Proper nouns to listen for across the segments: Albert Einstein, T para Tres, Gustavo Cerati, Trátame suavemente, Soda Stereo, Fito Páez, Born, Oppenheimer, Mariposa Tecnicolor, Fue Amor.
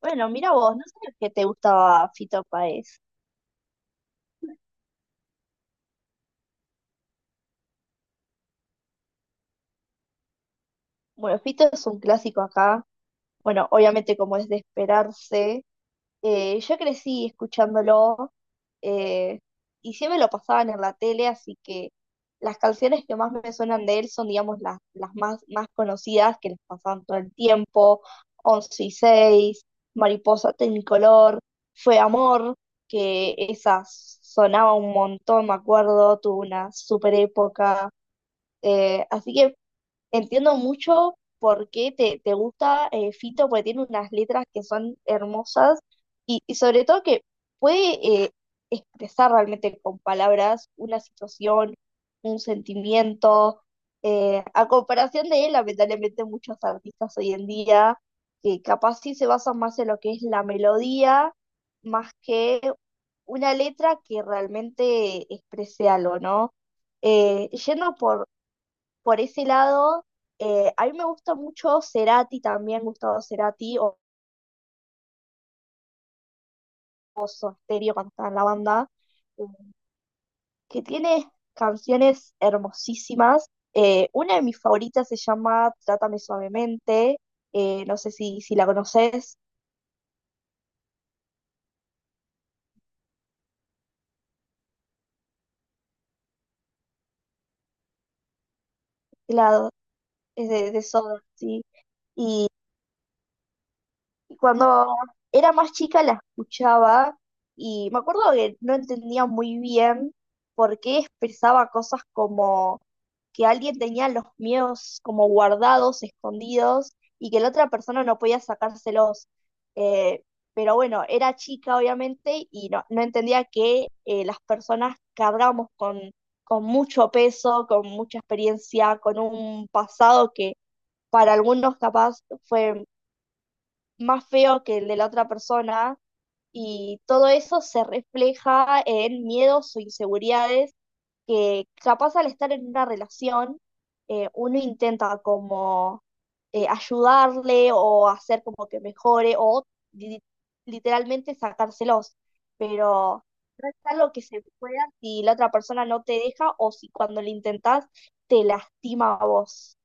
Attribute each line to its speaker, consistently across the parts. Speaker 1: Bueno, mira vos, no sabía que te gustaba Fito Páez. Bueno, Fito es un clásico acá. Bueno, obviamente como es de esperarse. Yo crecí escuchándolo eh, y siempre lo pasaban en la tele, así que las canciones que más me suenan de él son, digamos, las más, más conocidas que les pasaban todo el tiempo. Once y seis, Mariposa Tecnicolor, Fue Amor, que esa sonaba un montón, me acuerdo, tuvo una super época. Así que entiendo mucho por qué te gusta Fito, porque tiene unas letras que son hermosas y sobre todo que puede expresar realmente con palabras una situación, un sentimiento. A comparación de él, lamentablemente muchos artistas hoy en día que capaz sí se basan más en lo que es la melodía, más que una letra que realmente exprese algo, ¿no? Yendo por ese lado, a mí me gusta mucho Cerati también, Gustavo Cerati o Soda Stereo cuando estaba en la banda, eh, que tiene canciones hermosísimas. Una de mis favoritas se llama Trátame suavemente, no sé si, si la conoces, la, es de Soda, sí. Cuando era más chica la escuchaba y me acuerdo que no entendía muy bien por qué expresaba cosas como que alguien tenía los miedos como guardados, escondidos, y que la otra persona no podía sacárselos. Eh, pero bueno, era chica obviamente y no, no entendía que las personas cargamos con mucho peso, con mucha experiencia, con un pasado que para algunos capaz fue más feo que el de la otra persona y todo eso se refleja en miedos o inseguridades que capaz al estar en una relación uno intenta como ayudarle o hacer como que mejore o li- literalmente sacárselos, pero no es algo que se pueda si la otra persona no te deja o si cuando lo intentás te lastima a vos.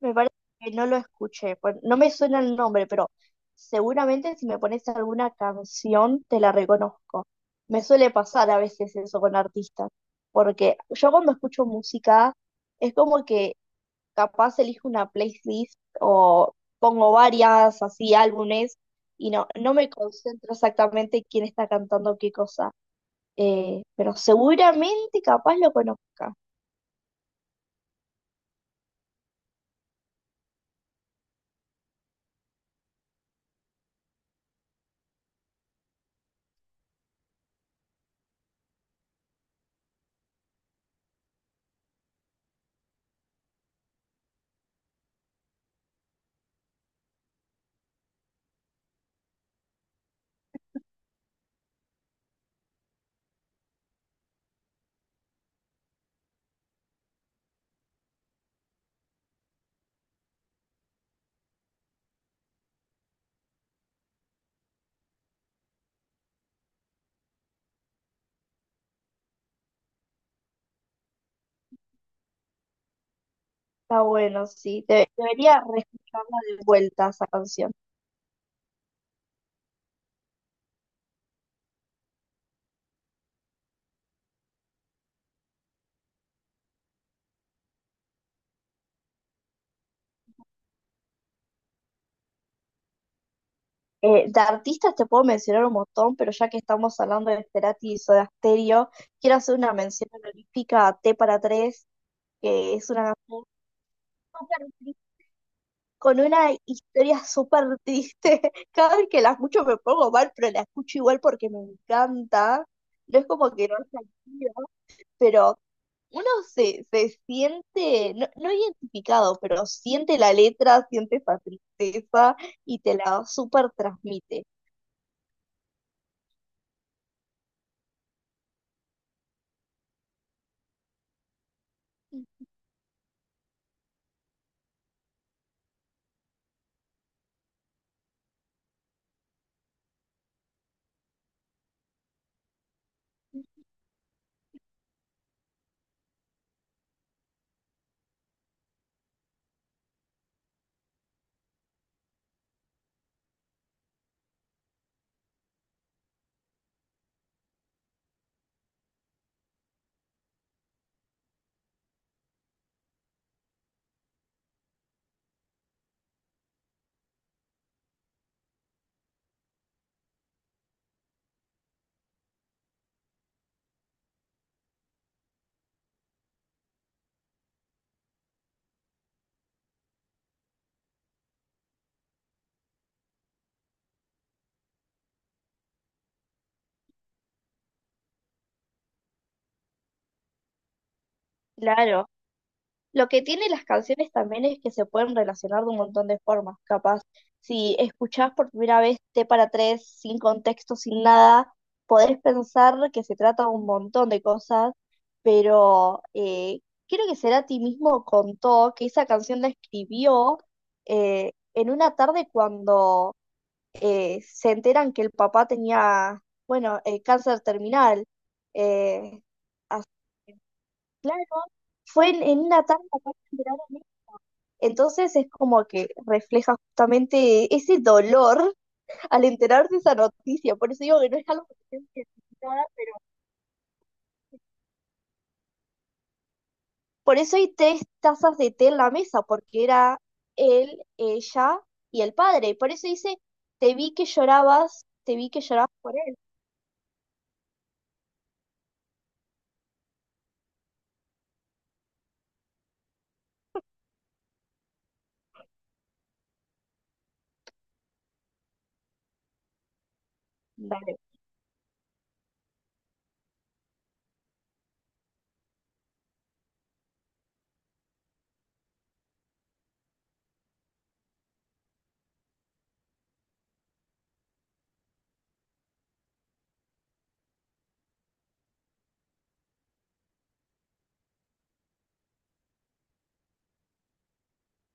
Speaker 1: Me parece que no lo escuché. Pues, no me suena el nombre, pero seguramente si me pones alguna canción te la reconozco. Me suele pasar a veces eso con artistas, porque yo cuando escucho música es como que capaz elijo una playlist o pongo varias así álbumes y no, no me concentro exactamente quién está cantando qué cosa. Pero seguramente capaz lo conozca. Está bueno, sí. Debería reescucharla de vuelta esa canción. De artistas te puedo mencionar un montón, pero ya que estamos hablando de Cerati y Soda Stereo, quiero hacer una mención honorífica a T para Tres, que es una canción súper triste, con una historia súper triste. Cada vez que la escucho me pongo mal, pero la escucho igual porque me encanta. No es como que no haya sido, pero uno se, se siente, no, no identificado, pero siente la letra, siente esa tristeza y te la súper transmite. Claro. Lo que tienen las canciones también es que se pueden relacionar de un montón de formas. Capaz, si escuchás por primera vez T para tres, sin contexto, sin nada, podés pensar que se trata de un montón de cosas, pero creo que Cerati mismo contó que esa canción la escribió en una tarde cuando se enteran que el papá tenía, bueno, cáncer terminal. Eh, así Claro, fue en una tarde acá en Verano. Entonces es como que refleja justamente ese dolor al enterarte de esa noticia. Por eso digo que no es algo que te tengas que explicar. Por eso hay tres tazas de té en la mesa, porque era él, ella y el padre. Por eso dice, te vi que llorabas, te vi que llorabas por él. Dale,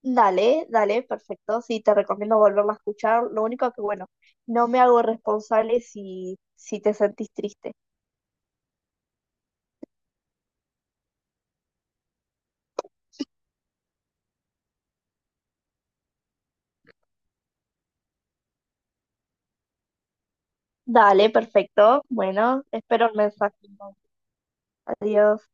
Speaker 1: dale, dale, perfecto. Sí, te recomiendo volverla a escuchar. Lo único que, bueno, no me hago responsable si, si te sentís triste. Dale, perfecto. Bueno, espero el mensaje. Adiós.